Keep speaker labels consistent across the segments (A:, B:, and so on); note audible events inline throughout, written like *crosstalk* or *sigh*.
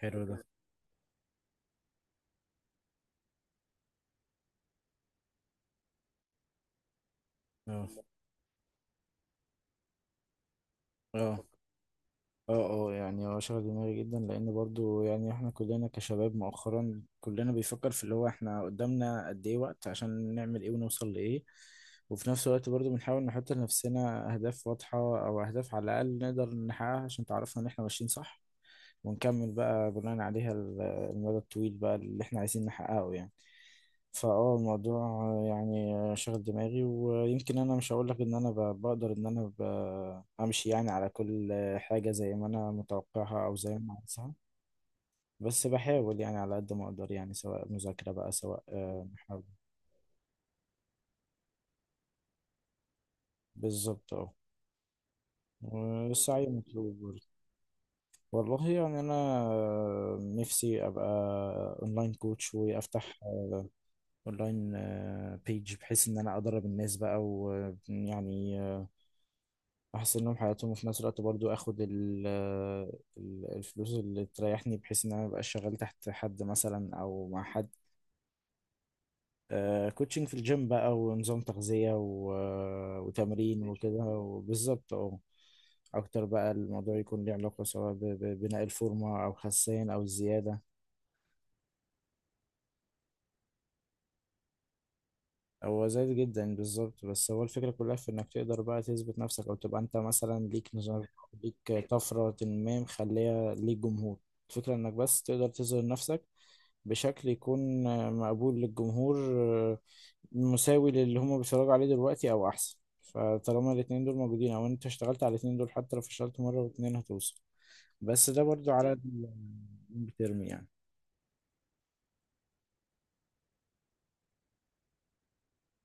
A: حلو ده. اه اه اه اه يعني هو شغل دماغي جدا لان برضو يعني احنا كلنا كشباب مؤخرا كلنا بيفكر في اللي هو احنا قدامنا قد ايه وقت عشان نعمل ايه ونوصل لايه، وفي نفس الوقت برضو بنحاول نحط لنفسنا اهداف واضحة او اهداف على الاقل نقدر نحققها عشان تعرفنا ان احنا ماشيين صح، ونكمل بقى بناء عليها المدى الطويل بقى اللي احنا عايزين نحققه يعني. فاه الموضوع يعني شاغل دماغي، ويمكن انا مش هقول لك ان انا بقدر ان انا امشي يعني على كل حاجة زي ما انا متوقعها او زي ما عايزها. بس بحاول يعني على قد ما اقدر، يعني سواء مذاكرة بقى سواء محاولة. بالظبط اه، والسعي مطلوب برضه. والله يعني انا نفسي ابقى اونلاين كوتش، وافتح اونلاين بيج بحيث ان انا ادرب الناس بقى، ويعني احسن لهم حياتهم، وفي نفس الوقت برضو اخد الفلوس اللي تريحني بحيث ان انا مبقاش شغال تحت حد مثلا او مع حد. كوتشنج في الجيم بقى، ونظام تغذية وتمرين وكده، وبالظبط اه. اكتر بقى الموضوع يكون ليه علاقة سواء ببناء الفورمة او خسان او الزيادة. هو زايد جدا بالظبط، بس هو الفكرة كلها في انك تقدر بقى تثبت نفسك، او تبقى انت مثلا ليك نظام، ليك طفرة ما، مخلية ليك جمهور. الفكرة انك بس تقدر تظهر نفسك بشكل يكون مقبول للجمهور، مساوي للي هما بيتفرجوا عليه دلوقتي او احسن. فطالما الاتنين دول موجودين، او انت اشتغلت على الاتنين دول، حتى لو فشلت مرة واتنين هتوصل. بس ده برضو على الميد تيرم يعني.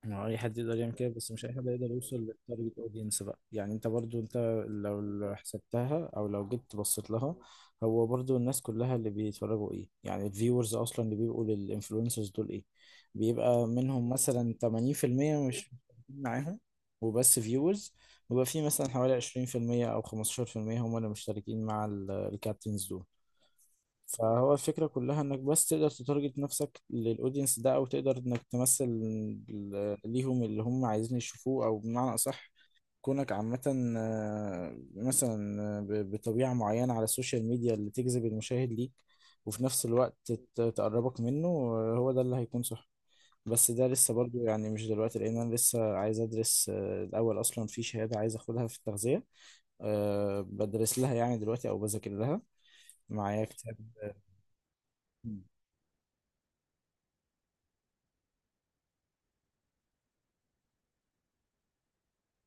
A: ما هو اي حد يقدر يعمل كده، بس مش اي حد يقدر يوصل للتارجت اودينس بقى. يعني انت برضو انت لو لو حسبتها او لو جيت بصيت لها، هو برضو الناس كلها اللي بيتفرجوا ايه يعني، الفيورز اصلا اللي بيبقوا للانفلونسرز دول ايه، بيبقى منهم مثلا 80% مش مشتركين معاهم وبس فيورز، ويبقى في مثلا حوالي 20% او 15% هم اللي مشتركين مع الكابتنز دول. فهو الفكرة كلها انك بس تقدر تتارجت نفسك للاودينس ده، او تقدر انك تمثل ليهم اللي هم عايزين يشوفوه، او بمعنى اصح كونك عامة مثلا بطبيعة معينة على السوشيال ميديا اللي تجذب المشاهد ليك، وفي نفس الوقت تقربك منه. هو ده اللي هيكون صح. بس ده لسه برضو يعني مش دلوقتي، لان انا لسه عايز ادرس الاول، اصلا في شهادة عايز اخدها في التغذية. بدرس لها يعني دلوقتي او بذاكر لها، معايا كتاب.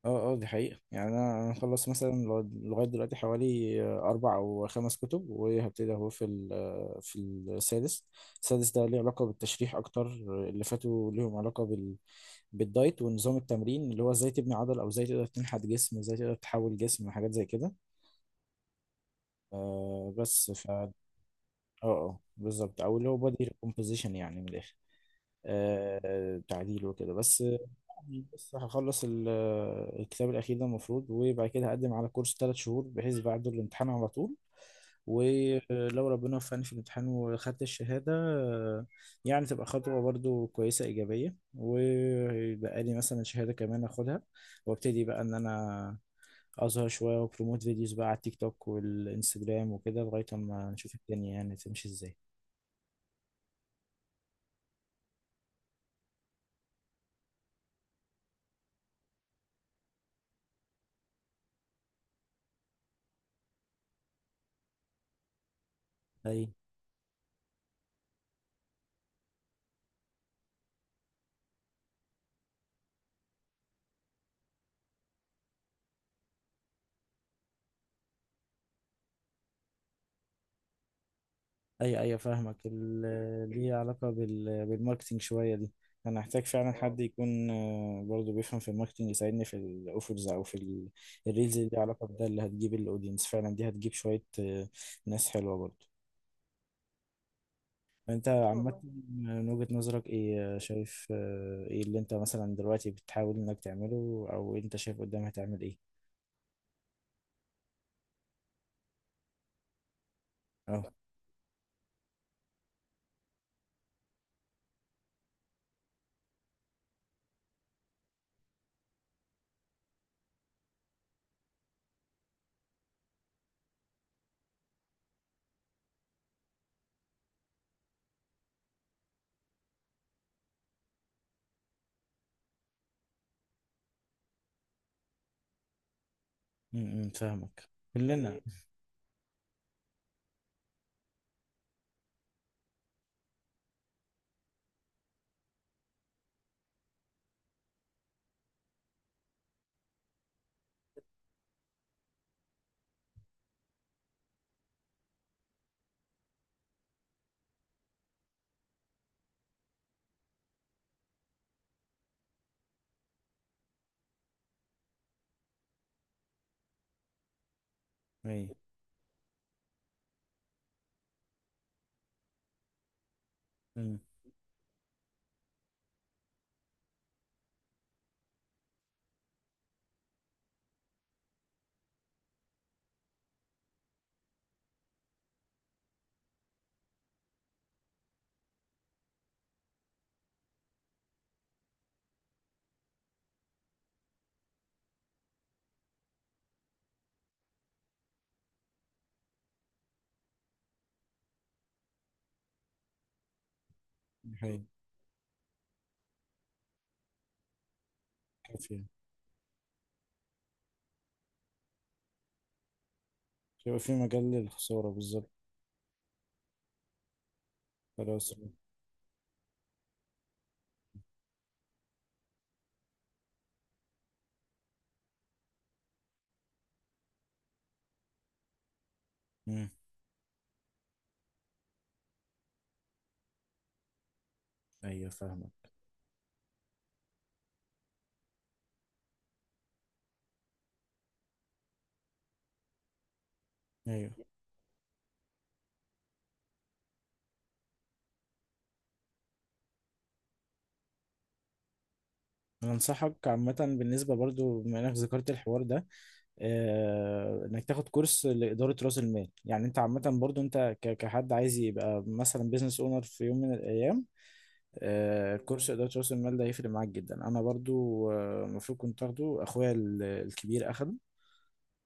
A: اه اه، دي حقيقة يعني. انا انا مخلص مثلا لغاية دلوقتي حوالي اربع او خمس كتب، وهبتدي اهو في في السادس. السادس ده ليه علاقة بالتشريح اكتر، اللي فاتوا ليهم علاقة بال بالدايت ونظام التمرين، اللي هو ازاي تبني عضل او ازاي تقدر تنحت جسم، ازاي تقدر تحول جسم، حاجات زي كده. آه بس ف اه. اه بالظبط، او اللي هو بودي ريكومبوزيشن يعني من الاخر. آه تعديل وكده بس. بس هخلص الكتاب الأخير ده المفروض، وبعد كده هقدم على كورس ثلاث شهور، بحيث بعد الامتحان على طول. ولو ربنا وفقني في الامتحان وخدت الشهادة، يعني تبقى خطوة برضو كويسة إيجابية، ويبقى لي مثلا شهادة كمان أخدها، وابتدي بقى إن أنا أظهر شوية وبروموت فيديوز بقى على التيك توك والإنستجرام وكده، لغاية ما نشوف الدنيا يعني تمشي إزاي. أي ايوه ايوه، فاهمك. ليه علاقة بال... بالماركتينج شوية دي. انا هحتاج فعلا اه حد يكون برضه بيفهم في الماركتينج، يساعدني في الاوفرز او في الريلز اللي ليها علاقة بده، اللي هتجيب الاودينس فعلا. دي هتجيب شوية ناس حلوة برضه. انت اه عامة والله، من وجهة نظرك ايه شايف ايه اللي انت مثلا دلوقتي بتحاول انك تعمله، او انت شايف قدام هتعمل ايه؟ اه م- م، فاهمك كلنا. مم، ايه. امم. حقيقي. في في مجال للخسارة بالظبط. خلاص. مم. ايوه فاهمك. ايوه، انا انصحك عامه بالنسبه برضو، بما انك ذكرت الحوار ده، آه انك تاخد كورس لاداره راس المال. يعني انت عامه برضو انت كحد عايز يبقى مثلا بيزنس اونر في يوم من الايام، آه كورس اداره راس المال ده هيفرق معاك جدا. انا برضو المفروض آه المفروض كنت اخده. اخويا الكبير اخده،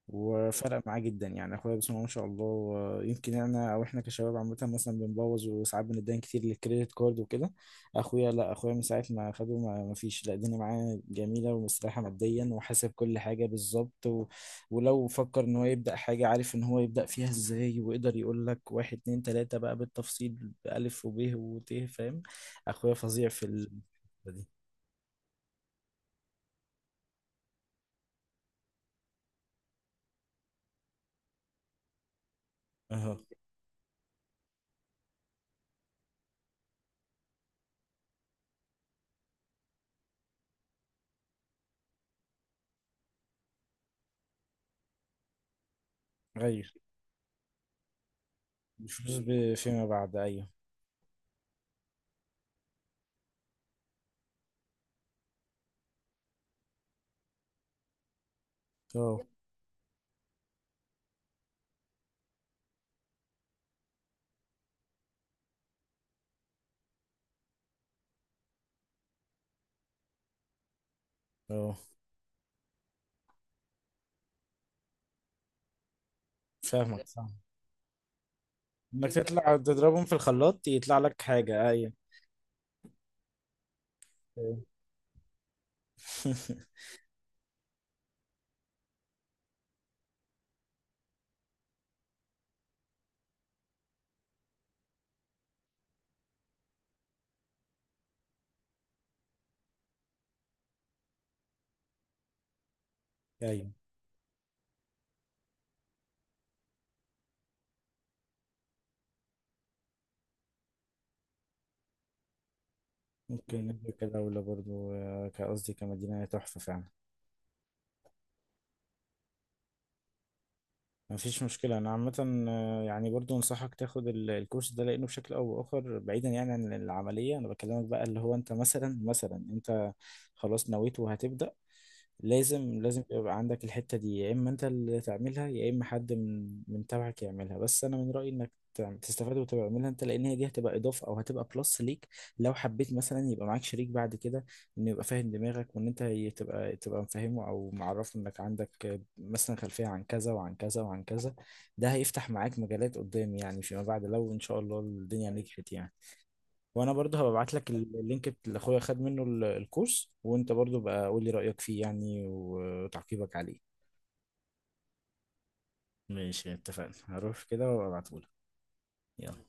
A: وفرق معاه جدا يعني. اخويا بسم الله ما شاء الله، يمكن انا او احنا كشباب عامه مثلا بنبوظ، وساعات بنتدين كتير للكريدت كارد وكده. اخويا لا، اخويا من ساعه ما خده ما فيش لا، الدنيا معاه جميله ومستريحه ماديا، وحاسب كل حاجه بالظبط و... ولو فكر ان هو يبدا حاجه، عارف ان هو يبدا فيها ازاي، ويقدر يقول لك واحد اتنين تلاته بقى بالتفصيل، بالف وب وت فاهم. اخويا فظيع في ال... دي اهو. ايوه الفلوس فيما بعد ايوه. اه اه فاهمك فاهمك. انك تطلع تضربهم في الخلاط يطلع لك حاجة، ايوه. أوكي. *laughs* ايوه. ممكن نبدأ كدولة برضو كقصدي كمدينة، هي تحفة فعلا. مفيش مشكلة. أنا عامة يعني برضو أنصحك تاخد الكورس ده، لأنه بشكل أو بآخر بعيدا يعني عن العملية. أنا بكلمك بقى اللي هو أنت مثلا أنت خلاص نويت وهتبدأ، لازم لازم يبقى عندك الحتة دي، يا إما أنت اللي تعملها يا إما حد من تبعك يعملها. بس أنا من رأيي إنك تستفاد وتعملها أنت، لأن هي دي هتبقى إضافة أو هتبقى بلس ليك. لو حبيت مثلا يبقى معاك شريك بعد كده، إنه يبقى فاهم دماغك، وإن أنت تبقى تبقى مفهمه أو معرفه إنك عندك مثلا خلفية عن كذا وعن كذا وعن كذا. ده هيفتح معاك مجالات قدام يعني فيما بعد، لو إن شاء الله الدنيا نجحت يعني. وانا برضه هبقى ابعت لك اللينك اللي اخويا خد منه الكورس، وانت برضه بقى قول لي رايك فيه يعني وتعقيبك عليه. ماشي اتفقنا، هروح كده وابعتهولك. يلا.